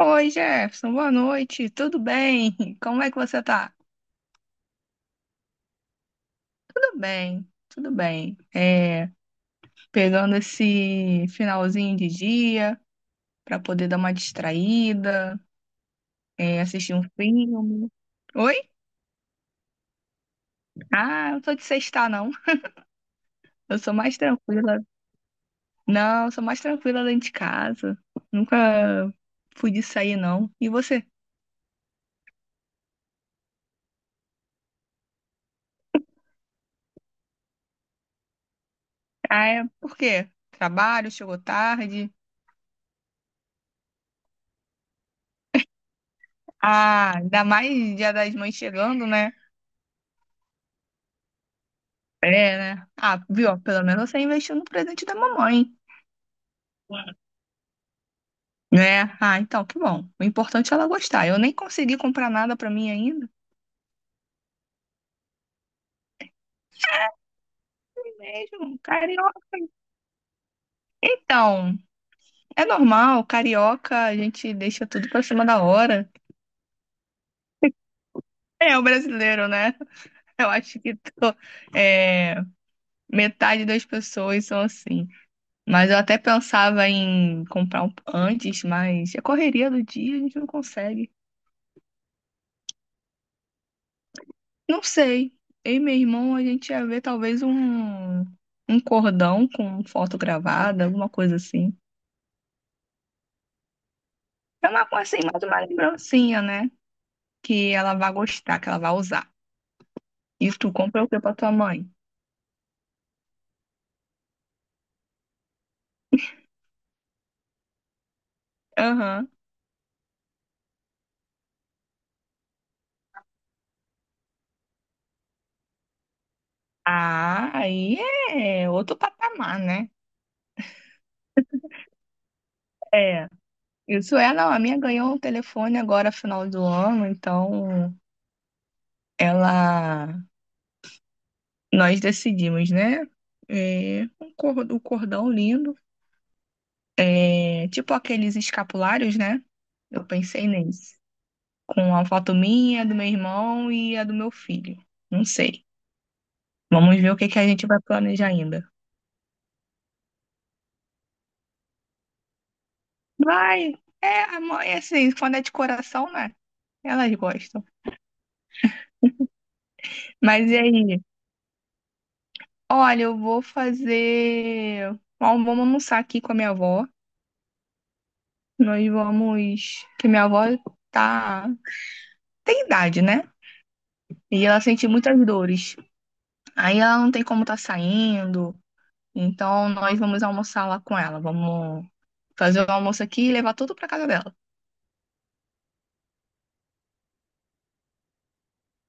Oi, Jefferson, boa noite, tudo bem? Como é que você tá? Tudo bem. Pegando esse finalzinho de dia para poder dar uma distraída, assistir um filme. Oi? Ah, eu não sou de sexta, não. Eu sou mais tranquila. Não, eu sou mais tranquila dentro de casa. Nunca fui de sair, não. E você? Ah, é, por quê? Trabalho, chegou tarde. Ah, ainda mais Dia das Mães chegando, né? É, né? Ah, viu? Pelo menos você investiu no presente da mamãe, né? Ah, então, que bom. O importante é ela gostar. Eu nem consegui comprar nada pra mim ainda. É mesmo, carioca. Então, é normal, carioca, a gente deixa tudo pra cima da hora. É, o brasileiro, né? Eu acho que é, metade das pessoas são assim. Mas eu até pensava em comprar um antes, mas a correria do dia a gente não consegue. Não sei. Eu e meu irmão, a gente ia ver um cordão com foto gravada, alguma coisa assim. É uma coisa assim, mais uma lembrancinha, né? Que ela vai gostar, que ela vai usar. E tu compra o que pra tua mãe? Aham. Ah, aí é outro patamar, né? É. Isso é, não. A minha ganhou um telefone agora, final do ano, então ela. Nós decidimos, né? É, o cordão lindo. É, tipo aqueles escapulários, né? Eu pensei nesse, com a foto minha, do meu irmão e a do meu filho. Não sei. Vamos ver o que que a gente vai planejar ainda. Vai! É, a mãe, assim, quando é de coração, né? Elas gostam. Mas e aí? Olha, eu vou fazer. Ó, vamos almoçar aqui com a minha avó. Nós vamos. Que minha avó tá. Tem idade, né? E ela sente muitas dores. Aí ela não tem como tá saindo. Então, nós vamos almoçar lá com ela. Vamos fazer o almoço aqui e levar tudo pra casa dela.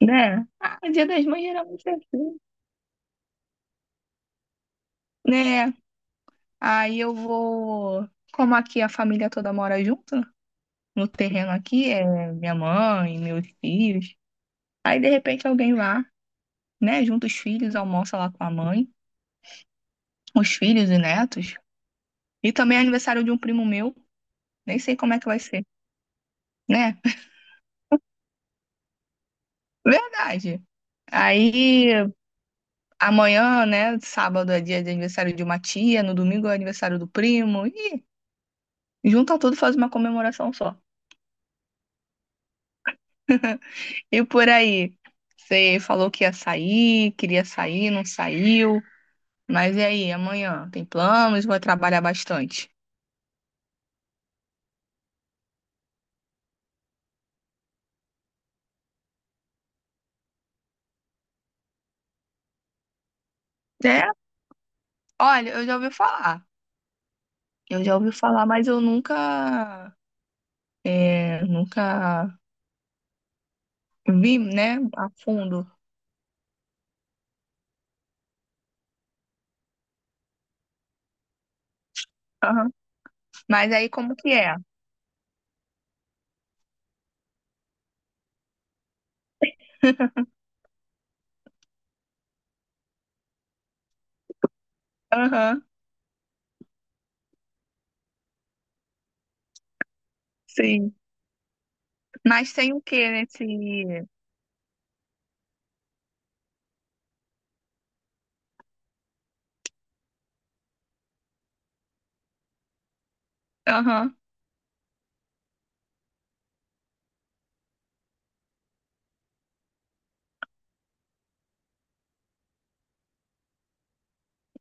Né? Ah, o Dia das Mães geralmente é assim. Né? Aí eu vou. Como aqui a família toda mora junto, né? No terreno aqui, é minha mãe, meus filhos. Aí, de repente, alguém lá, né? Junta os filhos, almoça lá com a mãe, os filhos e netos. E também é aniversário de um primo meu. Nem sei como é que vai ser, né? Verdade. Aí. Amanhã, né? Sábado é dia de aniversário de uma tia, no domingo é aniversário do primo. E junta tudo, faz uma comemoração só. E por aí, você falou que ia sair, queria sair, não saiu. Mas e aí, amanhã? Tem planos? Vai trabalhar bastante? É, olha, eu já ouvi falar. Eu já ouvi falar, mas eu nunca vi, né, a fundo. Aham. Mas aí como que é? Aham, sim. Mas tem o que nesse. Aham.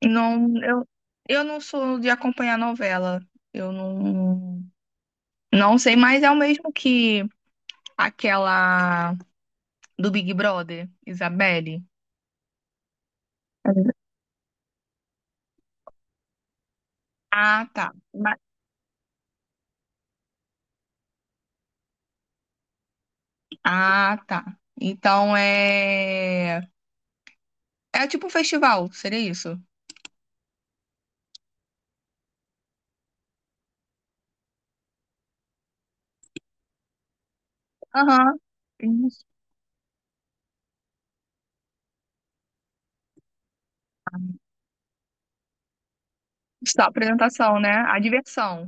Não, eu, eu não sou de acompanhar novela. Eu não, não sei, mas é o mesmo que aquela do Big Brother, Isabelle. Ah, tá. Ma- Ah, tá. Então é. É tipo um festival, seria isso? Aham. Isso. Só apresentação, né? A diversão.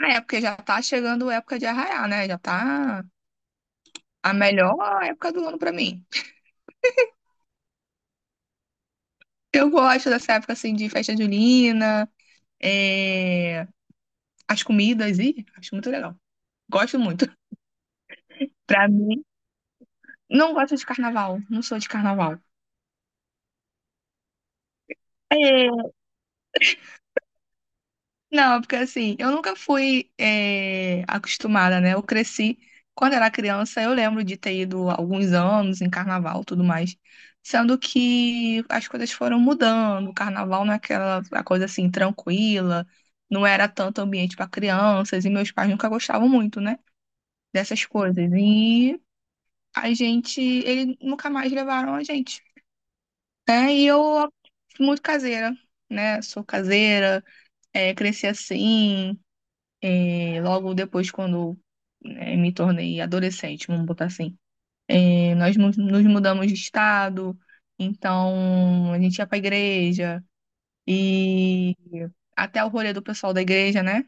Ah, é, porque já tá chegando a época de arraiar, né? Já tá a melhor época do ano pra mim. Eu gosto dessa época assim de festa junina. é, as comidas e acho muito legal. Gosto muito. Pra mim, não gosto de carnaval, não sou de carnaval. É, não, porque assim, eu nunca fui acostumada, né? Eu cresci, quando era criança, eu lembro de ter ido alguns anos em carnaval, e tudo mais. Sendo que as coisas foram mudando, o carnaval não é aquela a coisa assim tranquila, não era tanto ambiente para crianças, e meus pais nunca gostavam muito, né? Dessas coisas. E a gente, eles nunca mais levaram a gente, né? E eu muito caseira, né? Sou caseira, cresci assim, logo depois quando né, me tornei adolescente, vamos botar assim. É, nos mudamos de estado, então a gente ia pra igreja e até o rolê do pessoal da igreja, né?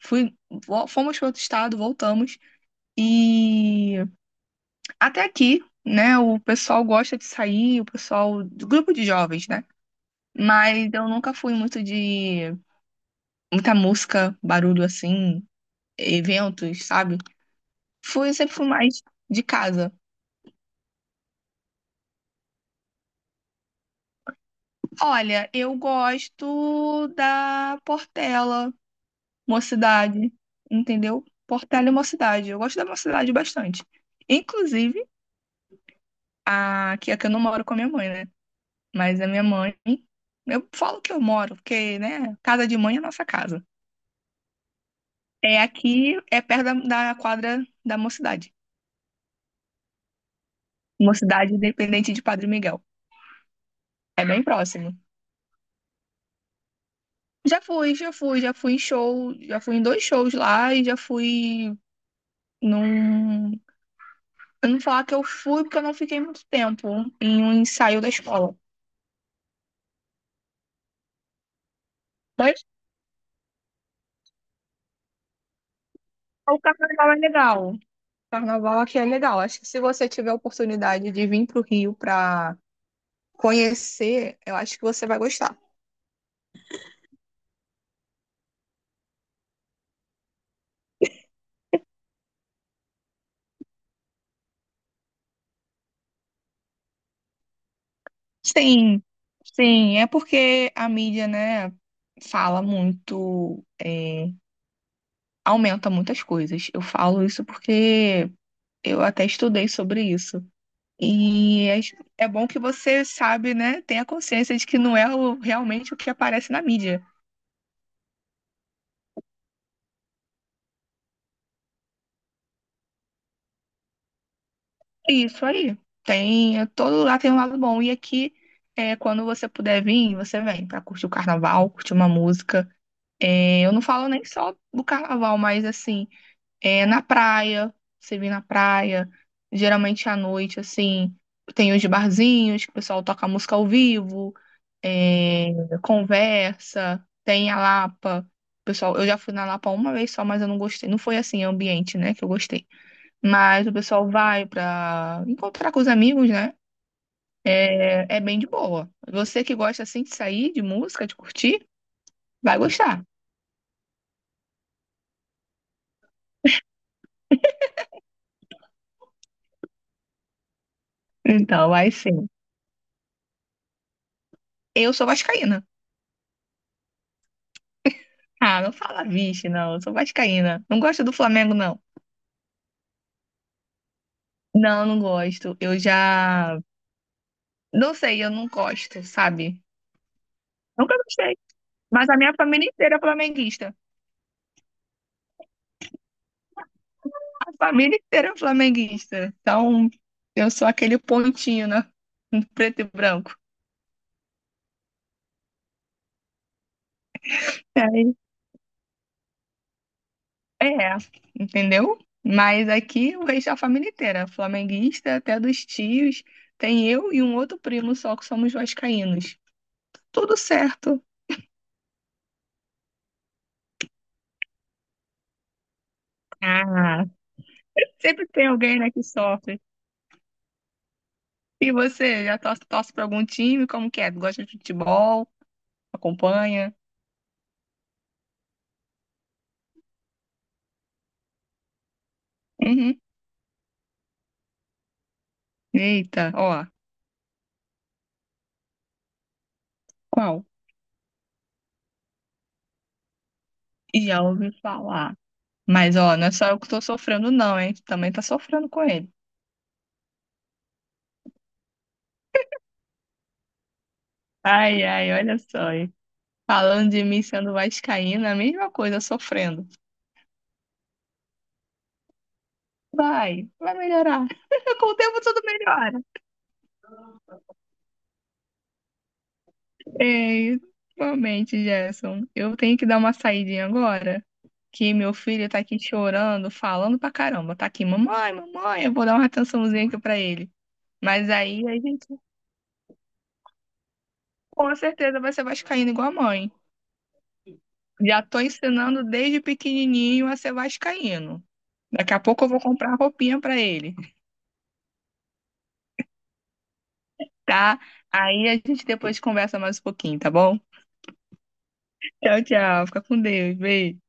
Fui, fomos para outro estado, voltamos e até aqui, né? O pessoal gosta de sair, o pessoal do grupo de jovens, né? Mas eu nunca fui muito de muita música, barulho assim, eventos, sabe? Fui sempre fui mais de casa. Olha, eu gosto da Portela, Mocidade, entendeu? Portela e Mocidade. Eu gosto da Mocidade bastante. Inclusive, a... que aqui eu não moro com a minha mãe, né? Mas a minha mãe eu falo que eu moro, porque, né, casa de mãe é nossa casa. É aqui, é perto da quadra da Mocidade. Mocidade Independente de Padre Miguel. É bem próximo. Já fui em show, já fui em 2 shows lá e já fui num. Eu não vou falar que eu fui porque eu não fiquei muito tempo em um ensaio da escola. Mas o carnaval é legal. O carnaval aqui é legal. Acho que se você tiver a oportunidade de vir para o Rio para conhecer, eu acho que você vai gostar. Sim, sim, é porque a mídia, né, fala muito, aumenta muitas coisas. Eu falo isso porque eu até estudei sobre isso. E é bom que você sabe, né, tem a consciência de que não é realmente o que aparece na mídia. É isso aí, tem, é, todo lugar tem um lado bom. E aqui, é, quando você puder vir, você vem pra curtir o carnaval, curtir uma música. É, eu não falo nem só do carnaval, mas assim. É, na praia, você vir na praia, geralmente à noite, assim, tem os barzinhos que o pessoal toca música ao vivo, é, conversa, tem a Lapa. Pessoal, eu já fui na Lapa uma vez só, mas eu não gostei. Não foi assim, ambiente, né, que eu gostei. Mas o pessoal vai pra encontrar com os amigos, né? É, é bem de boa. Você que gosta assim de sair, de música, de curtir, vai gostar. Então, vai sim. Eu sou vascaína. Ah, não fala vixe, não. Eu sou vascaína. Não gosto do Flamengo, não. Não, não gosto. Eu já. Não sei, eu não gosto, sabe? Nunca gostei. Mas a minha família inteira é flamenguista. A família inteira é flamenguista. Então, eu sou aquele pontinho, né? Preto e branco. É, é, é. Entendeu? Mas aqui o resto é a família inteira, flamenguista, até dos tios. Tem eu e um outro primo só que somos vascaínos. Tudo certo. Ah, sempre tem alguém, né, que sofre. E você, já torce para algum time? Como que é? Gosta de futebol? Acompanha? Uhum. Eita, ó, qual? Já ouvi falar. Mas, ó, não é só eu que tô sofrendo, não, hein? Também tá sofrendo com ele. Ai, ai, olha só, hein? Falando de mim sendo vascaína, a mesma coisa, sofrendo. Vai, vai melhorar. Com o tempo tudo melhora. Ei, realmente, Gerson, eu tenho que dar uma saidinha agora. Que meu filho tá aqui chorando, falando pra caramba. Tá aqui, mamãe, mamãe, eu vou dar uma atençãozinha aqui pra ele. Mas aí a gente com certeza vai ser vascaíno igual a mãe. Já tô ensinando desde pequenininho a ser vascaíno. Daqui a pouco eu vou comprar roupinha pra ele, tá? Aí a gente depois conversa mais um pouquinho, tá bom? Tchau, tchau. Fica com Deus. Beijo.